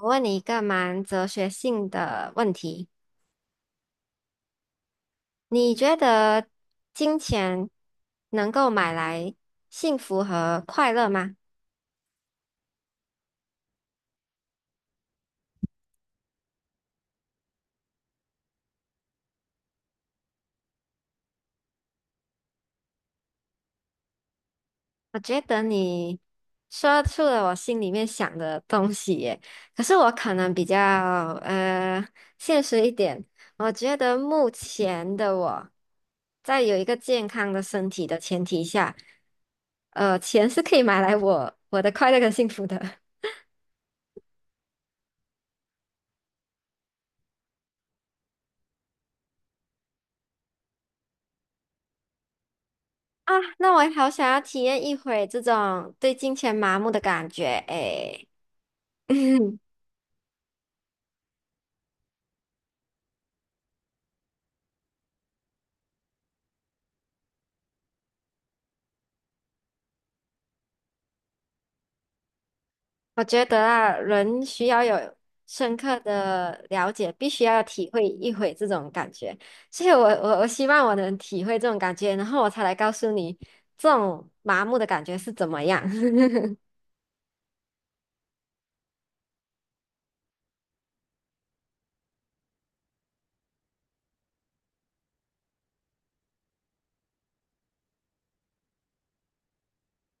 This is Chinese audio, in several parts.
我问你一个蛮哲学性的问题，你觉得金钱能够买来幸福和快乐吗？我觉得你说出了我心里面想的东西耶。可是我可能比较呃现实一点，我觉得目前的我在有一个健康的身体的前提下，钱是可以买来我的快乐跟幸福的。啊，那我也好想要体验一回这种对金钱麻木的感觉诶。我觉得啊，人需要有深刻的了解，必须要体会一回这种感觉。所以我，我希望我能体会这种感觉，然后我才来告诉你这种麻木的感觉是怎么样。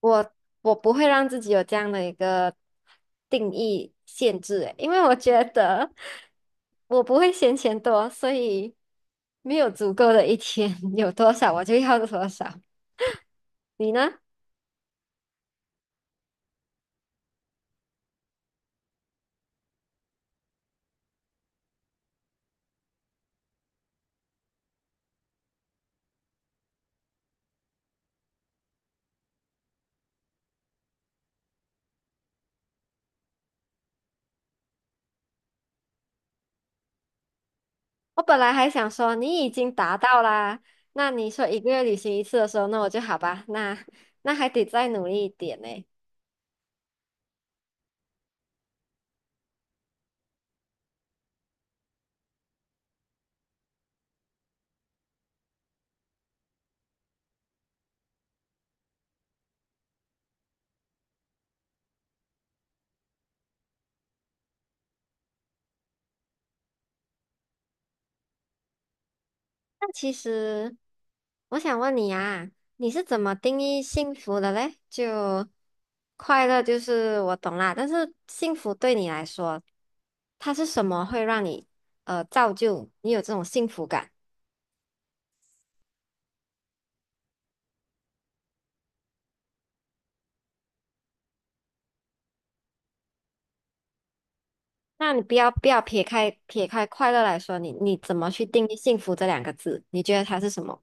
我我不会让自己有这样的一个定义限制欸，因为我觉得我不会嫌钱多，所以没有足够的一天，有多少我就要多少。你呢？我本来还想说你已经达到啦，那你说一个月旅行一次的时候，那我就好吧，那还得再努力一点呢。那其实我想问你啊，你是怎么定义幸福的嘞？就快乐就是我懂啦，但是幸福对你来说，它是什么会让你造就你有这种幸福感？那你不要撇开快乐来说，你怎么去定义幸福这两个字？你觉得它是什么？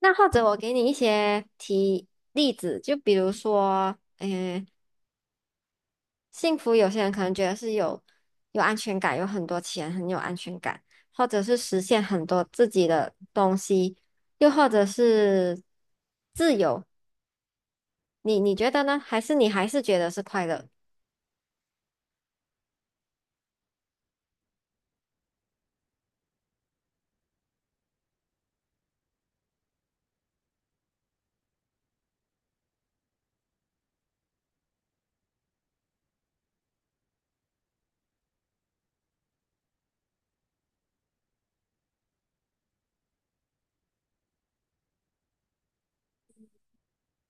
那或者我给你一些例子，就比如说，嗯、幸福有些人可能觉得是有安全感，有很多钱，很有安全感，或者是实现很多自己的东西，又或者是自由。你觉得呢？还是你还是觉得是快乐？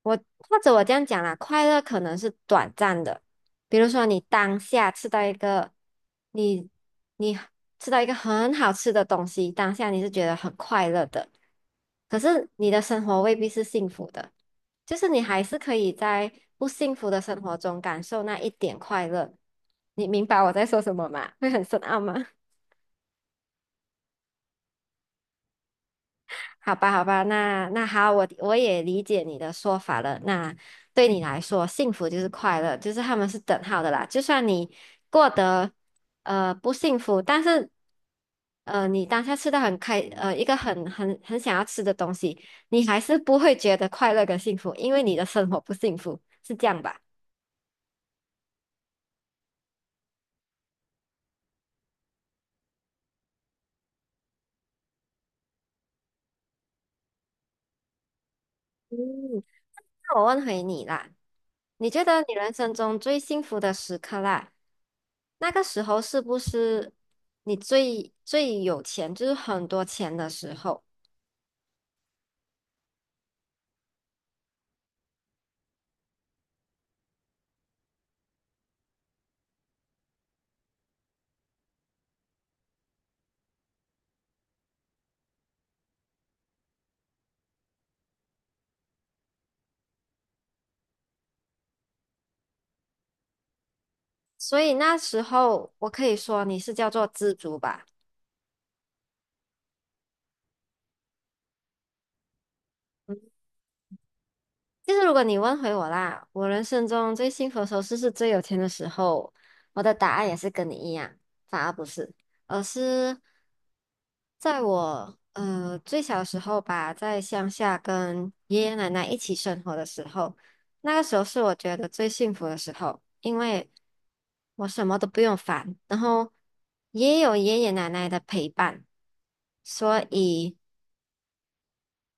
我或者我这样讲啦，快乐可能是短暂的，比如说你当下吃到一个你你吃到一个很好吃的东西，当下你是觉得很快乐的，可是你的生活未必是幸福的，就是你还是可以在不幸福的生活中感受那一点快乐。你明白我在说什么吗？会很深奥吗？好吧，好吧，那好，我也理解你的说法了。那对你来说，幸福就是快乐，就是他们是等号的啦。就算你过得不幸福，但是你当下吃的很开，呃一个很想要吃的东西，你还是不会觉得快乐跟幸福，因为你的生活不幸福，是这样吧？嗯，那我问回你啦，你觉得你人生中最幸福的时刻啦？那个时候是不是你最有钱，就是很多钱的时候？所以那时候我可以说你是叫做知足吧。就是如果你问回我啦，我人生中最幸福的时候是不是最有钱的时候？我的答案也是跟你一样，反而不是，而是。在我最小时候吧，在乡下跟爷爷奶奶一起生活的时候，那个时候是我觉得最幸福的时候，因为我什么都不用烦，然后也有爷爷奶奶的陪伴，所以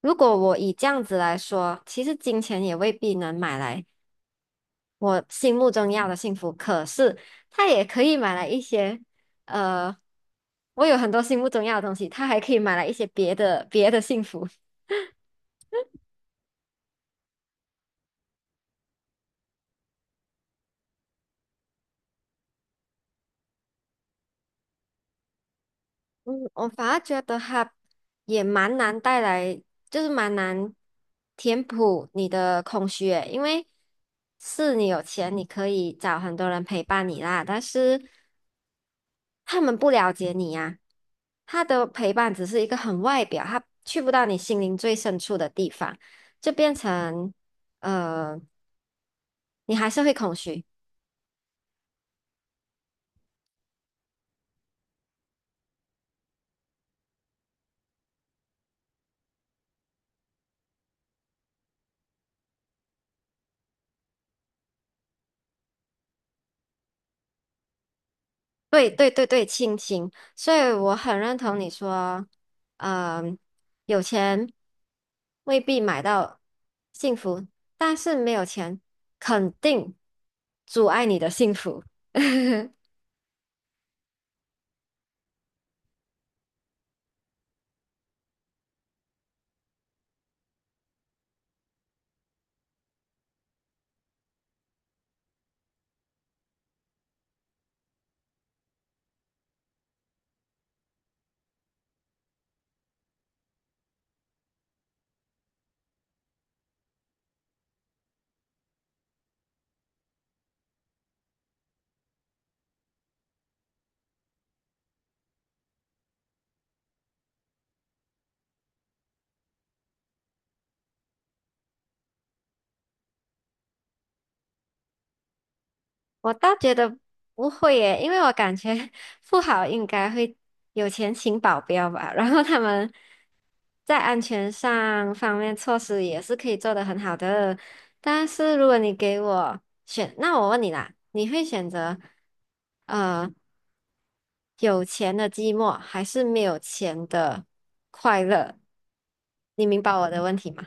如果我以这样子来说，其实金钱也未必能买来我心目中要的幸福，可是他也可以买来一些，呃，我有很多心目中要的东西，他还可以买来一些别的幸福。嗯，我反而觉得哈，也蛮难带来，就是蛮难填补你的空虚诶，因为是你有钱，你可以找很多人陪伴你啦，但是他们不了解你呀、他的陪伴只是一个很外表，他去不到你心灵最深处的地方，就变成呃，你还是会空虚。对对对对，亲情。所以我很认同你说，嗯、有钱未必买到幸福，但是没有钱肯定阻碍你的幸福。我倒觉得不会耶，因为我感觉 富豪应该会有钱请保镖吧，然后他们在安全上方面措施也是可以做得很好的。但是如果你给我选，那我问你啦，你会选择呃有钱的寂寞，还是没有钱的快乐？你明白我的问题吗？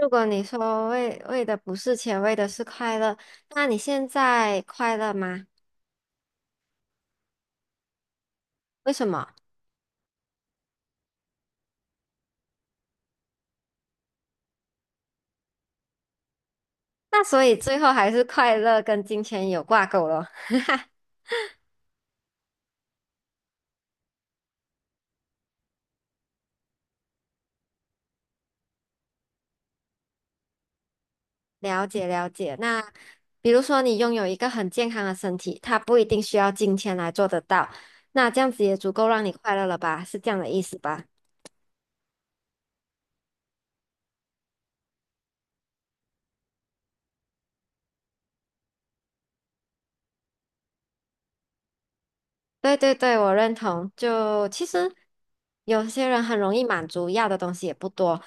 如果你说为的不是钱，为的是快乐，那你现在快乐吗？为什么？那所以最后还是快乐跟金钱有挂钩咯。了解了解。那比如说你拥有一个很健康的身体，它不一定需要金钱来做得到，那这样子也足够让你快乐了吧？是这样的意思吧？对对对，我认同。就其实有些人很容易满足，要的东西也不多，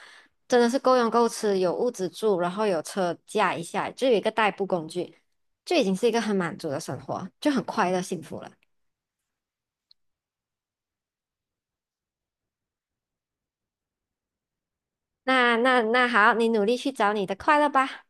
真的是够用够吃，有屋子住，然后有车驾一下，就有一个代步工具，就已经是一个很满足的生活，就很快乐幸福了。那好，你努力去找你的快乐吧。